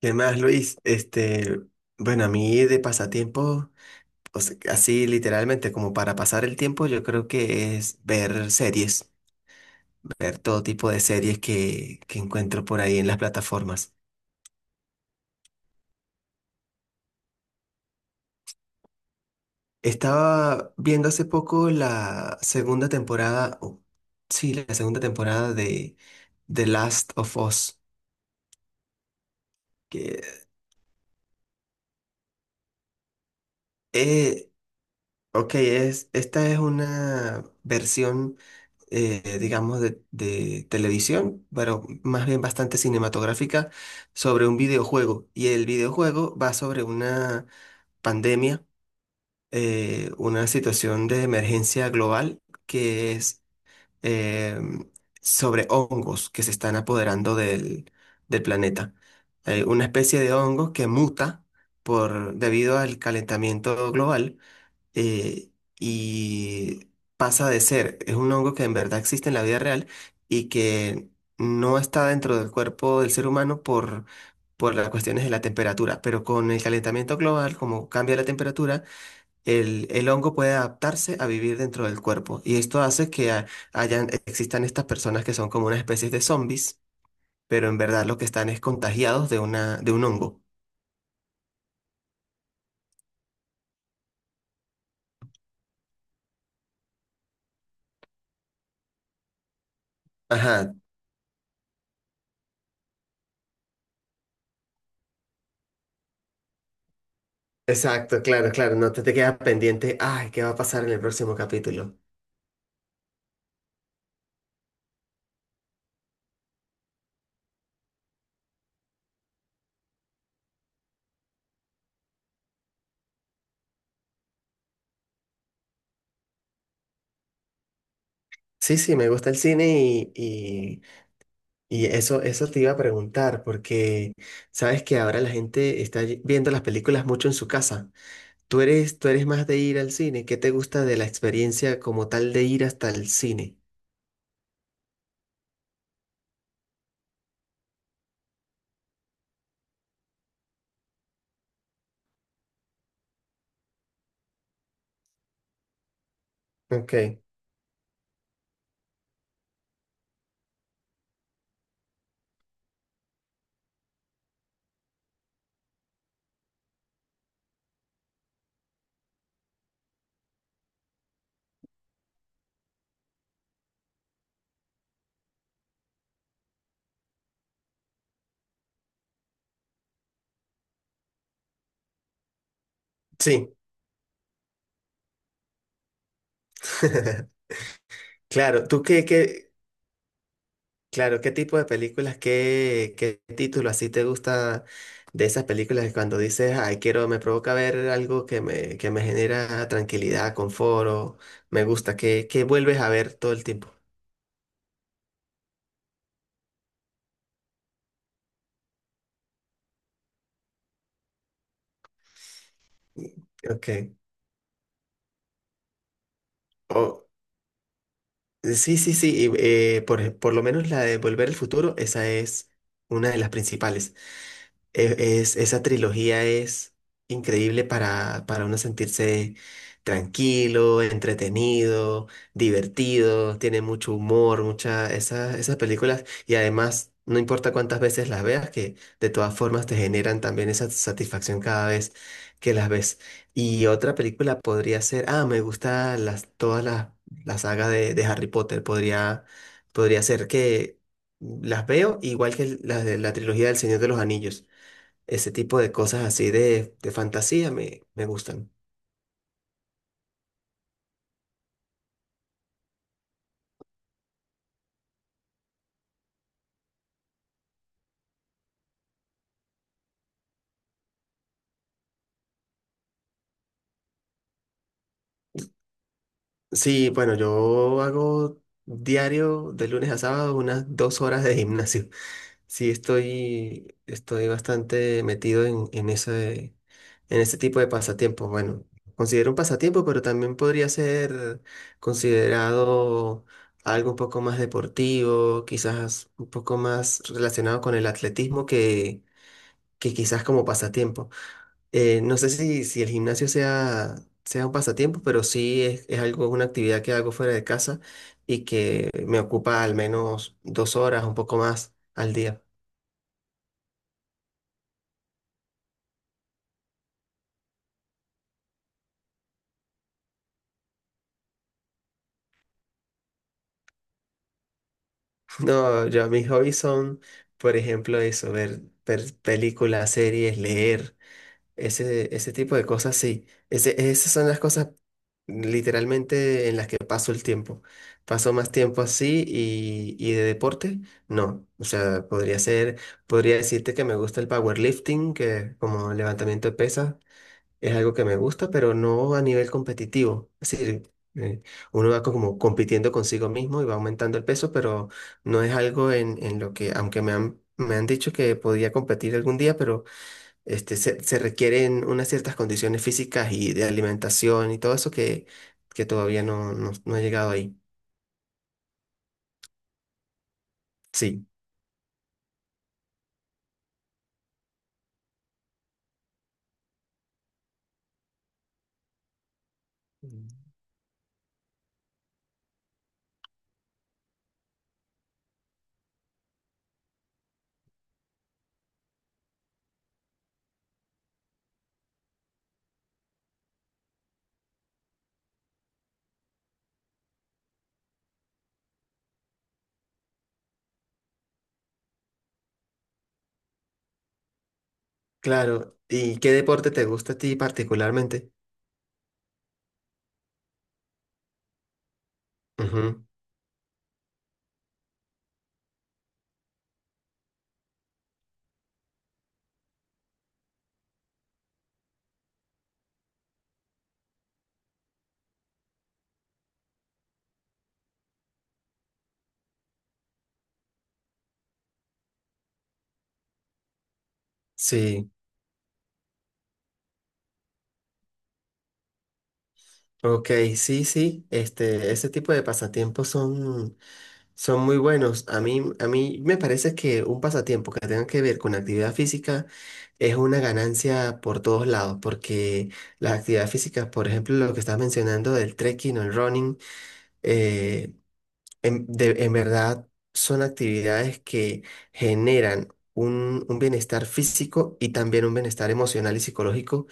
¿Qué más, Luis? Bueno, a mí de pasatiempo, o sea, así literalmente como para pasar el tiempo, yo creo que es ver series, ver todo tipo de series que encuentro por ahí en las plataformas. Estaba viendo hace poco la segunda temporada, o sí, la segunda temporada de The Last of Us, que eh, Ok, esta es una versión, digamos, de televisión, pero más bien bastante cinematográfica, sobre un videojuego. Y el videojuego va sobre una pandemia, una situación de emergencia global que es eh, sobre hongos que se están apoderando del planeta. Hay una especie de hongo que muta debido al calentamiento global eh, y pasa de ser, es un hongo que en verdad existe en la vida real y que no está dentro del cuerpo del ser humano por las cuestiones de la temperatura, pero con el calentamiento global, como cambia la temperatura, el hongo puede adaptarse a vivir dentro del cuerpo y esto hace que hayan, existan estas personas que son como una especie de zombies, pero en verdad lo que están es contagiados de una, de un hongo. Ajá, exacto, claro, claro, no te, te quedas pendiente, ay, ¿qué va a pasar en el próximo capítulo? Sí, sí, me gusta el cine y eso te iba a preguntar, porque sabes que ahora la gente está viendo las películas mucho en su casa. Tú eres más de ir al cine? ¿Qué te gusta de la experiencia como tal de ir hasta el cine? Ok, sí. Claro, Claro, ¿qué tipo de películas, qué título así te gusta de esas películas que cuando dices, ay, quiero, me provoca ver algo que me genera tranquilidad, confort, o me gusta, que vuelves a ver todo el tiempo? Ok. o Sí, sí, sí. Por lo menos la de Volver al Futuro, esa es una de las principales. Esa trilogía es increíble para uno sentirse tranquilo, entretenido, divertido, tiene mucho humor, mucha, esas películas y además no importa cuántas veces las veas, que de todas formas te generan también esa satisfacción cada vez que las ves. Y otra película podría ser, ah, me gusta todas las, la saga de Harry Potter, podría ser que... Las veo igual que las de la trilogía del Señor de los Anillos. Ese tipo de cosas así de fantasía me gustan. Sí, bueno, yo hago diario de lunes a sábado unas 2 horas de gimnasio. Sí, estoy bastante metido en ese tipo de pasatiempos. Bueno, considero un pasatiempo, pero también podría ser considerado algo un poco más deportivo, quizás un poco más relacionado con el atletismo que quizás como pasatiempo. No sé si el gimnasio sea un pasatiempo, pero sí es algo, una actividad que hago fuera de casa y que me ocupa al menos 2 horas, un poco más al día. No, yo mis hobbies son, por ejemplo, eso, ver películas, series, leer. Ese tipo de cosas, sí. Esas son las cosas literalmente en las que paso el tiempo. Paso más tiempo así y de deporte, no. O sea, podría ser, podría decirte que me gusta el powerlifting, que como levantamiento de pesas es algo que me gusta, pero no a nivel competitivo. Es decir, uno va como compitiendo consigo mismo y va aumentando el peso, pero no es algo en lo que, aunque me han dicho que podía competir algún día, pero... Se requieren unas ciertas condiciones físicas y de alimentación y todo eso que todavía no he llegado ahí. Sí. Mm. Claro. ¿Y qué deporte te gusta a ti particularmente? Ujú. Sí, ok, sí, sí. Ese tipo de pasatiempos son, son muy buenos. A mí me parece que un pasatiempo que tenga que ver con actividad física es una ganancia por todos lados, porque las actividades físicas, por ejemplo, lo que estás mencionando del trekking o el running, eh, en verdad son actividades que generan un bienestar físico y también un bienestar emocional y psicológico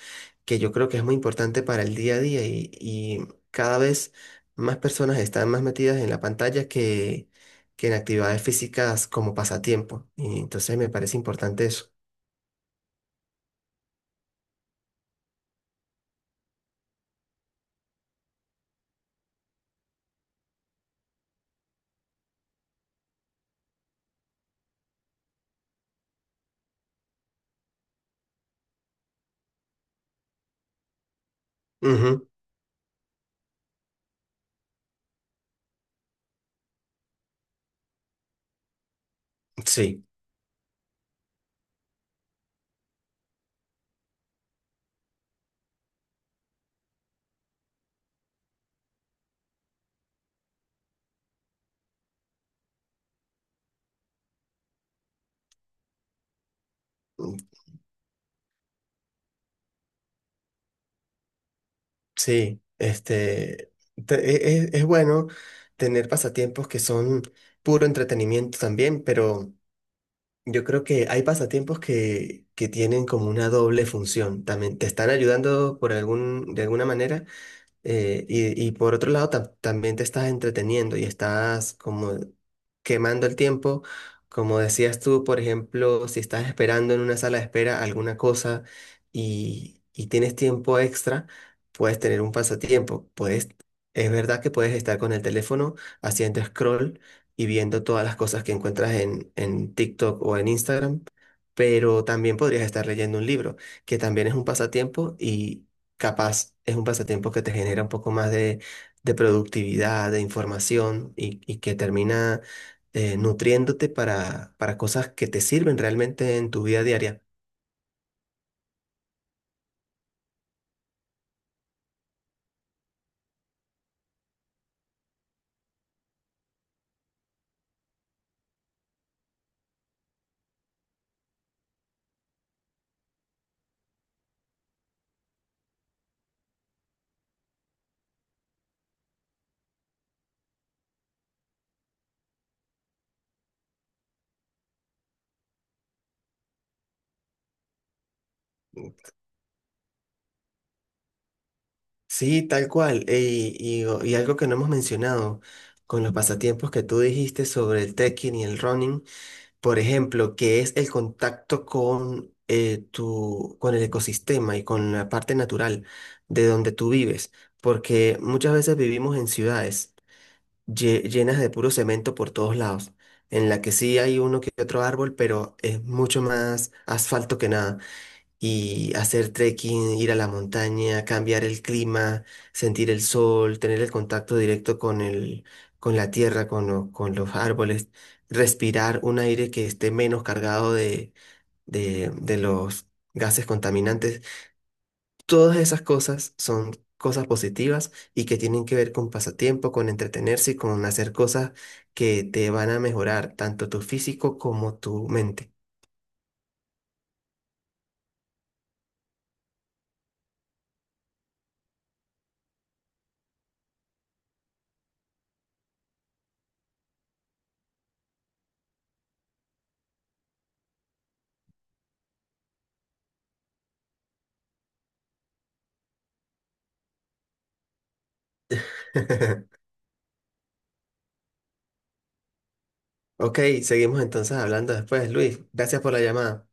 que yo creo que es muy importante para el día a día y cada vez más personas están más metidas en la pantalla que en actividades físicas como pasatiempo. Y entonces me parece importante eso. Ujú, sí. Sí, bueno, tener pasatiempos que son puro entretenimiento también, pero yo creo que hay pasatiempos que tienen como una doble función. También te están ayudando por algún, de alguna manera, y por otro lado, también te estás entreteniendo y estás como quemando el tiempo. Como decías tú, por ejemplo, si estás esperando en una sala de espera alguna cosa y tienes tiempo extra, puedes tener un pasatiempo. Puedes, es verdad que puedes estar con el teléfono haciendo scroll y viendo todas las cosas que encuentras en TikTok o en Instagram, pero también podrías estar leyendo un libro, que también es un pasatiempo, capaz es un pasatiempo que te genera un poco más de productividad, de información y que termina nutriéndote para cosas que te sirven realmente en tu vida diaria. Sí, tal cual. Y algo que no hemos mencionado con los pasatiempos que tú dijiste sobre el trekking y el running, por ejemplo, que es el contacto con, con el ecosistema y con la parte natural de donde tú vives, porque muchas veces vivimos en ciudades, llenas de puro cemento por todos lados, en la que sí hay uno que otro árbol, pero es mucho más asfalto que nada. Y hacer trekking, ir a la montaña, cambiar el clima, sentir el sol, tener el contacto directo con la tierra, con los árboles, respirar un aire que esté menos cargado de los gases contaminantes. Todas esas cosas son cosas positivas y que tienen que ver con pasatiempo, con entretenerse y con hacer cosas que te van a mejorar tanto tu físico como tu mente. Ok, seguimos entonces hablando después, Luis. Gracias por la llamada.